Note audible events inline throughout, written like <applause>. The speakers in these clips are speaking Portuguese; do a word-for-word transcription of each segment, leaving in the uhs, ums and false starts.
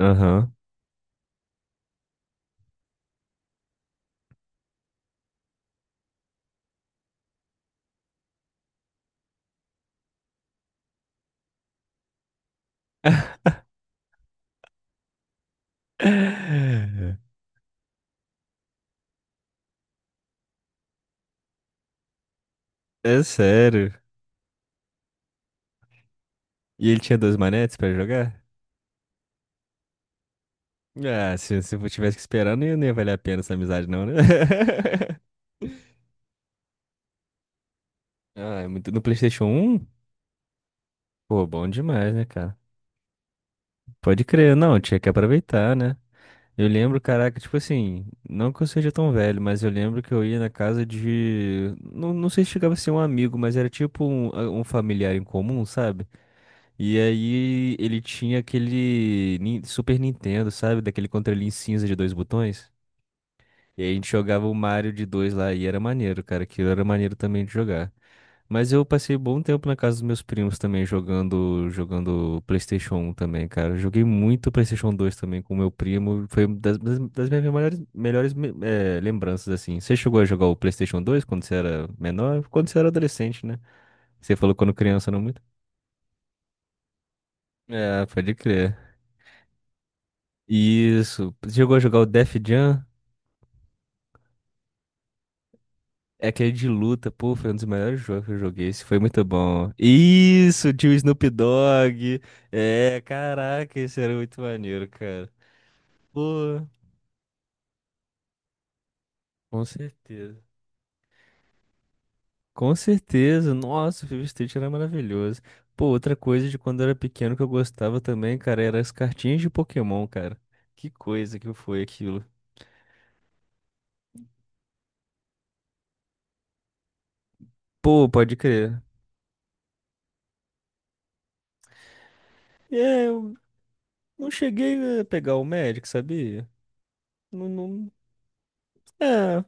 Aham. <laughs> É sério. E ele tinha dois manetes pra jogar? Ah, se, se eu tivesse que esperar, não ia, não ia valer a pena essa amizade, não, né? <laughs> Ah, é muito no PlayStation um. Pô, bom demais, né, cara? Pode crer, não, tinha que aproveitar, né? Eu lembro, caraca, tipo assim, não que eu seja tão velho, mas eu lembro que eu ia na casa de. Não, não sei se chegava a ser um amigo, mas era tipo um, um familiar em comum, sabe? E aí ele tinha aquele Nin- Super Nintendo, sabe? Daquele controlinho cinza de dois botões. E aí a gente jogava o Mario de dois lá e era maneiro, cara. Aquilo era maneiro também de jogar. Mas eu passei bom tempo na casa dos meus primos também jogando, jogando PlayStation um também, cara. Eu joguei muito PlayStation dois também com meu primo. Foi uma das, das, das minhas melhores, melhores me- eh, lembranças, assim. Você chegou a jogar o PlayStation dois quando você era menor? Quando você era adolescente, né? Você falou quando criança, não muito? É, pode crer. Isso. Chegou a jogar o Def Jam? É aquele de luta, pô, foi um dos melhores jogos que eu joguei. Esse foi muito bom. Isso, tinha o Snoop Dogg. É, caraca, esse era muito maneiro, cara. Pô, com certeza. Com certeza. Nossa, o Fever Street era maravilhoso. Pô, outra coisa de quando eu era pequeno que eu gostava também, cara, eram as cartinhas de Pokémon, cara. Que coisa que foi aquilo. Pô, pode crer. É, eu não cheguei a pegar o Magic, sabia? Não, não... É.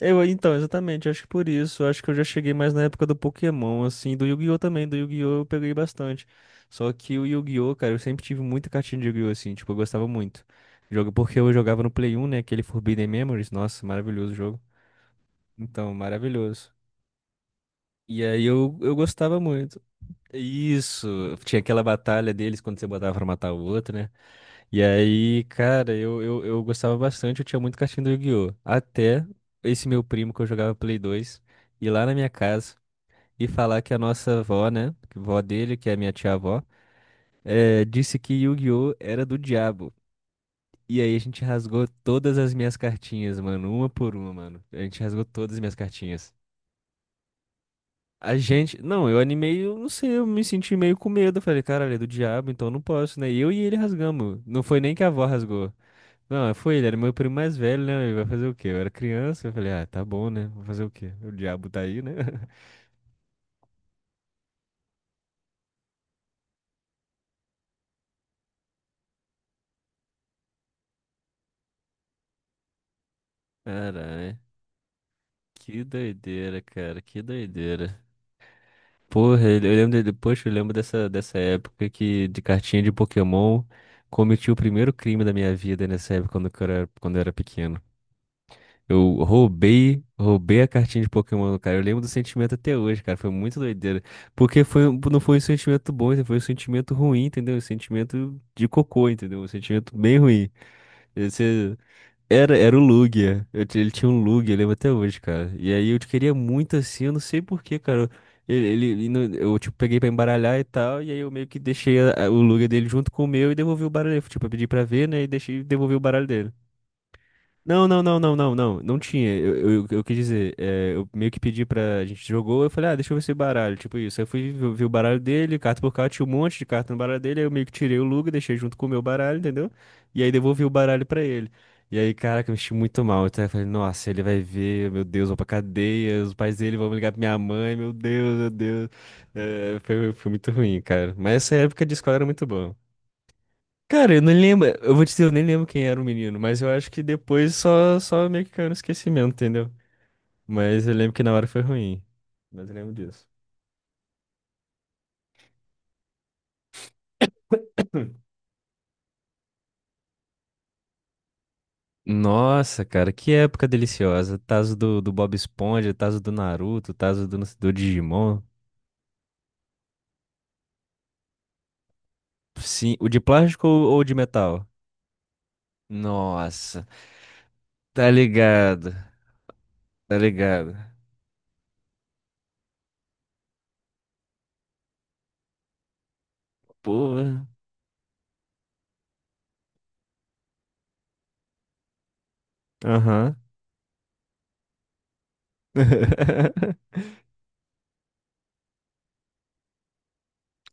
Eu, então, exatamente, acho que por isso, acho que eu já cheguei mais na época do Pokémon, assim, do Yu-Gi-Oh! Também, do Yu-Gi-Oh! Eu peguei bastante. Só que o Yu-Gi-Oh! Cara, eu sempre tive muita cartinha de Yu-Gi-Oh! Assim, tipo, eu gostava muito. Jogo porque eu jogava no Play um, né, aquele Forbidden Memories, nossa, maravilhoso o jogo. Então, maravilhoso. E aí eu, eu gostava muito. Isso, tinha aquela batalha deles quando você botava pra matar o outro, né? E aí, cara, eu, eu, eu gostava bastante, eu tinha muito cartinha do Yu-Gi-Oh! Até esse meu primo que eu jogava Play dois ir lá na minha casa e falar que a nossa avó, né? Que vó dele, que é a minha tia-avó, eh, disse que Yu-Gi-Oh! Era do diabo. E aí a gente rasgou todas as minhas cartinhas, mano, uma por uma, mano. A gente rasgou todas as minhas cartinhas. A gente. Não, eu animei, eu não sei, eu me senti meio com medo. Eu falei, caralho, é do diabo, então eu não posso, né? E eu e ele rasgamos. Não foi nem que a avó rasgou. Não, foi ele, era meu primo mais velho, né? Ele vai fazer o quê? Eu era criança, eu falei, ah, tá bom, né? Vou fazer o quê? O diabo tá aí, né? <laughs> Caralho, que doideira, cara, que doideira. Porra, eu eu lembro, de- poxa, eu lembro dessa, dessa época que de cartinha de Pokémon cometi o primeiro crime da minha vida nessa época quando eu era, quando eu era pequeno. Eu roubei, roubei a cartinha de Pokémon, cara. Eu lembro do sentimento até hoje, cara. Foi muito doideira. Porque foi, um- não foi um sentimento bom, entendeu? Foi um sentimento ruim, entendeu? Um sentimento de cocô, entendeu? Um sentimento bem ruim. Esse era, era o Lugia. Eu ti- ele tinha um Lugia, eu lembro até hoje, cara. E aí eu queria muito assim, eu não sei por quê, cara. Ele, ele- ele não- eu, tipo, peguei pra embaralhar e tal, e aí eu meio que deixei a- a- o Lugia dele junto com o meu e devolvi o baralho. Tipo, eu pedi pra ver, né? E deixei, devolvi o baralho dele. Não, não, não, não, não, não. Não tinha. Eu, eu, eu quis dizer, é, eu meio que pedi pra. A gente jogou, eu falei, ah, deixa eu ver esse baralho. Tipo isso. Aí eu fui ver ver o baralho dele, carta por carta, tinha um monte de carta no baralho dele. Aí eu meio que tirei o Luga, deixei junto com o meu baralho, entendeu? E aí devolvi o baralho pra ele. E aí, caraca, eu me senti muito mal. Então eu falei, nossa, ele vai ver, meu Deus, vou pra cadeia, os pais dele vão ligar pra minha mãe, meu Deus, meu Deus. É, foi, foi muito ruim, cara. Mas essa época de escola era muito boa. Cara, eu não lembro. Eu vou te dizer, eu nem lembro quem era o menino, mas eu acho que depois só, só meio que caiu no esquecimento, entendeu? Mas eu lembro que na hora foi ruim. Mas eu lembro disso. Nossa, cara, que época deliciosa. Tazo do, do Bob Esponja, Tazo do Naruto, Tazo do, do Digimon. Sim, o de plástico ou ou de metal? Nossa, tá ligado, tá ligado. Porra. Aham. <laughs>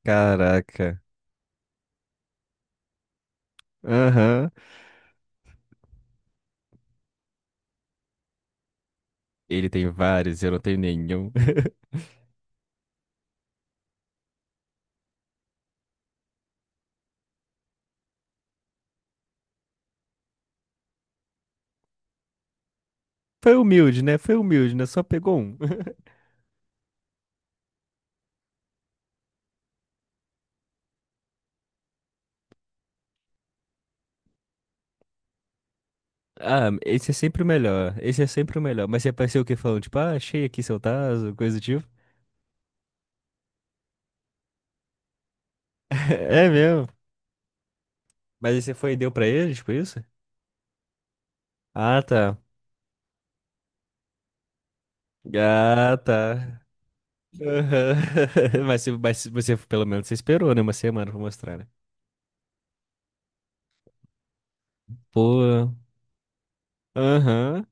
Caraca. Aham. Ele tem vários, eu não tenho nenhum. <laughs> Foi humilde, né? Foi humilde, né? Só pegou um. <laughs> Ah, esse é sempre o melhor. Esse é sempre o melhor. Mas você apareceu o quê? Falando, tipo, ah, achei aqui seu tazo, coisa do tipo. <laughs> É mesmo. Mas aí você foi e deu pra ele, tipo isso? Ah, tá. Ah, tá. Aham. <laughs> Mas, você- mas você, pelo menos, você esperou, né? Uma semana pra mostrar, né? Pô. Aham.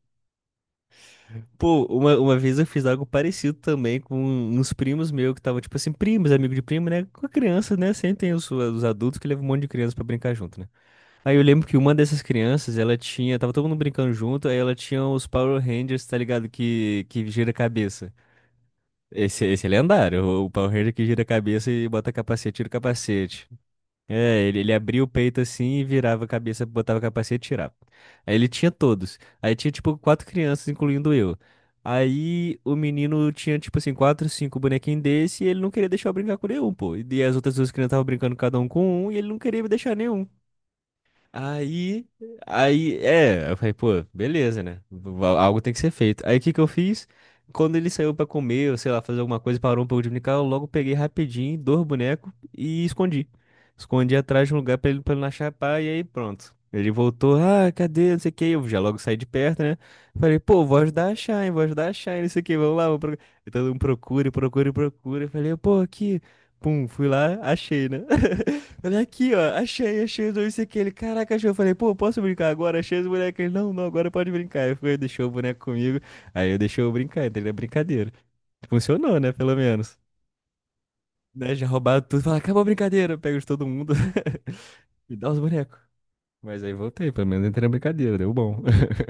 Pô, uma, uma vez eu fiz algo parecido também com uns primos meus que estavam, tipo assim, primos, amigo de primo, né? Com a criança, né? Sempre tem os, os adultos que levam um monte de criança pra brincar junto, né? Aí eu lembro que uma dessas crianças, ela tinha, tava todo mundo brincando junto, aí ela tinha os Power Rangers, tá ligado? Que, que gira a cabeça. Esse, esse é lendário, o o Power Ranger que gira a cabeça e bota capacete, tira o capacete. É, ele, ele abria o peito assim e virava a cabeça, botava o capacete e tirava. Aí ele tinha todos. Aí tinha tipo quatro crianças, incluindo eu. Aí o menino tinha tipo assim, quatro, cinco bonequinhos desse e ele não queria deixar eu brincar com nenhum, pô. E as outras duas crianças estavam brincando cada um com um e ele não queria me deixar nenhum. Aí, aí, é, eu falei, pô, beleza, né? Va- Algo tem que ser feito. Aí o que que eu fiz? Quando ele saiu pra comer, ou sei lá, fazer alguma coisa, parou um pouco de brincar, eu logo peguei rapidinho, dois bonecos e escondi. Escondi atrás de um lugar pra ele, pra ele não achar pá, e aí pronto. Ele voltou, ah, cadê? Não sei o que. Eu já logo saí de perto, né? Falei, pô, vou ajudar a achar, hein? Vou ajudar a achar, hein? Não sei o que, vamos lá, vamos procurar. Então, procura, procura, procura. Eu falei, pô, aqui. Pum, fui lá, achei, né? <laughs> Olha aqui, ó. Achei, achei os dois isso aqui. Ele, caraca, achei. Eu falei, pô, posso brincar agora? Achei os bonecos. Ele, não, não, agora pode brincar. Eu fui, deixou o boneco comigo. Aí eu deixei eu brincar, entendeu? É brincadeira. Funcionou, né? Pelo menos. Né? Já roubaram tudo. Fala, acabou a brincadeira. Pega de todo mundo <laughs> e dá os bonecos. Mas aí voltei, pelo menos entrei na brincadeira, deu bom. <laughs>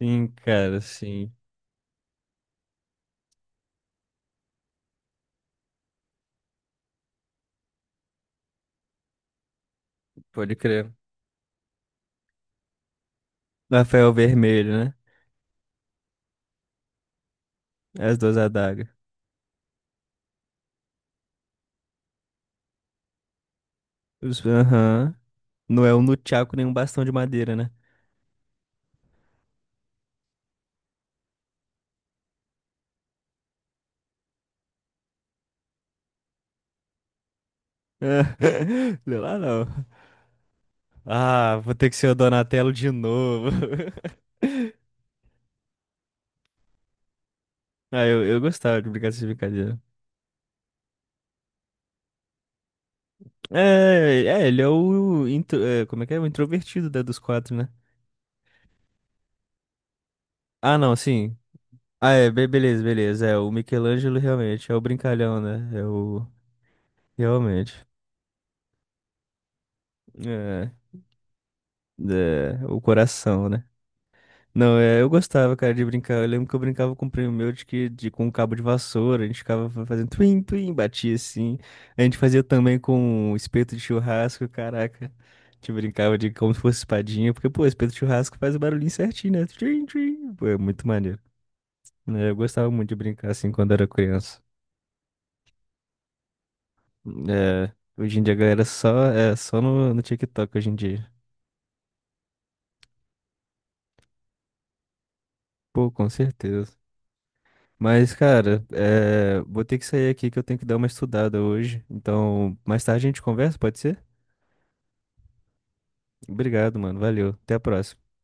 Sim, cara, sim. Pode crer. Rafael Vermelho, né? As duas adagas. Os- Aham. Não é um nunchaku nem um bastão de madeira, né? <laughs> Não é lá não. Ah, vou ter que ser o Donatello de novo. <laughs> Ah, eu, eu gostava de brincar dessa brincadeira. É, é, ele é o. intro- é, como é que é? O introvertido da- dos quatro, né? Ah, não, sim. Ah, é, be- beleza, beleza. É, o Michelangelo realmente é o brincalhão, né? É o. Realmente. É, é, o coração, né? Não, é, eu gostava, cara, de brincar. Eu lembro que eu brincava com um primo meu de que de, com um cabo de vassoura, a gente ficava fa- fazendo twin, twin, batia assim. A gente fazia também com um espeto de churrasco, caraca. A gente brincava de como se fosse espadinha, porque, pô, espeto de churrasco faz o barulhinho certinho, né? Twin, twin. Pô, é muito maneiro. Né? Eu gostava muito de brincar assim quando era criança. É, hoje em dia a galera só, é, só no, no TikTok hoje em dia. Pô, com certeza. Mas, cara, é, vou ter que sair aqui que eu tenho que dar uma estudada hoje. Então, mais tarde a gente conversa, pode ser? Obrigado, mano. Valeu. Até a próxima.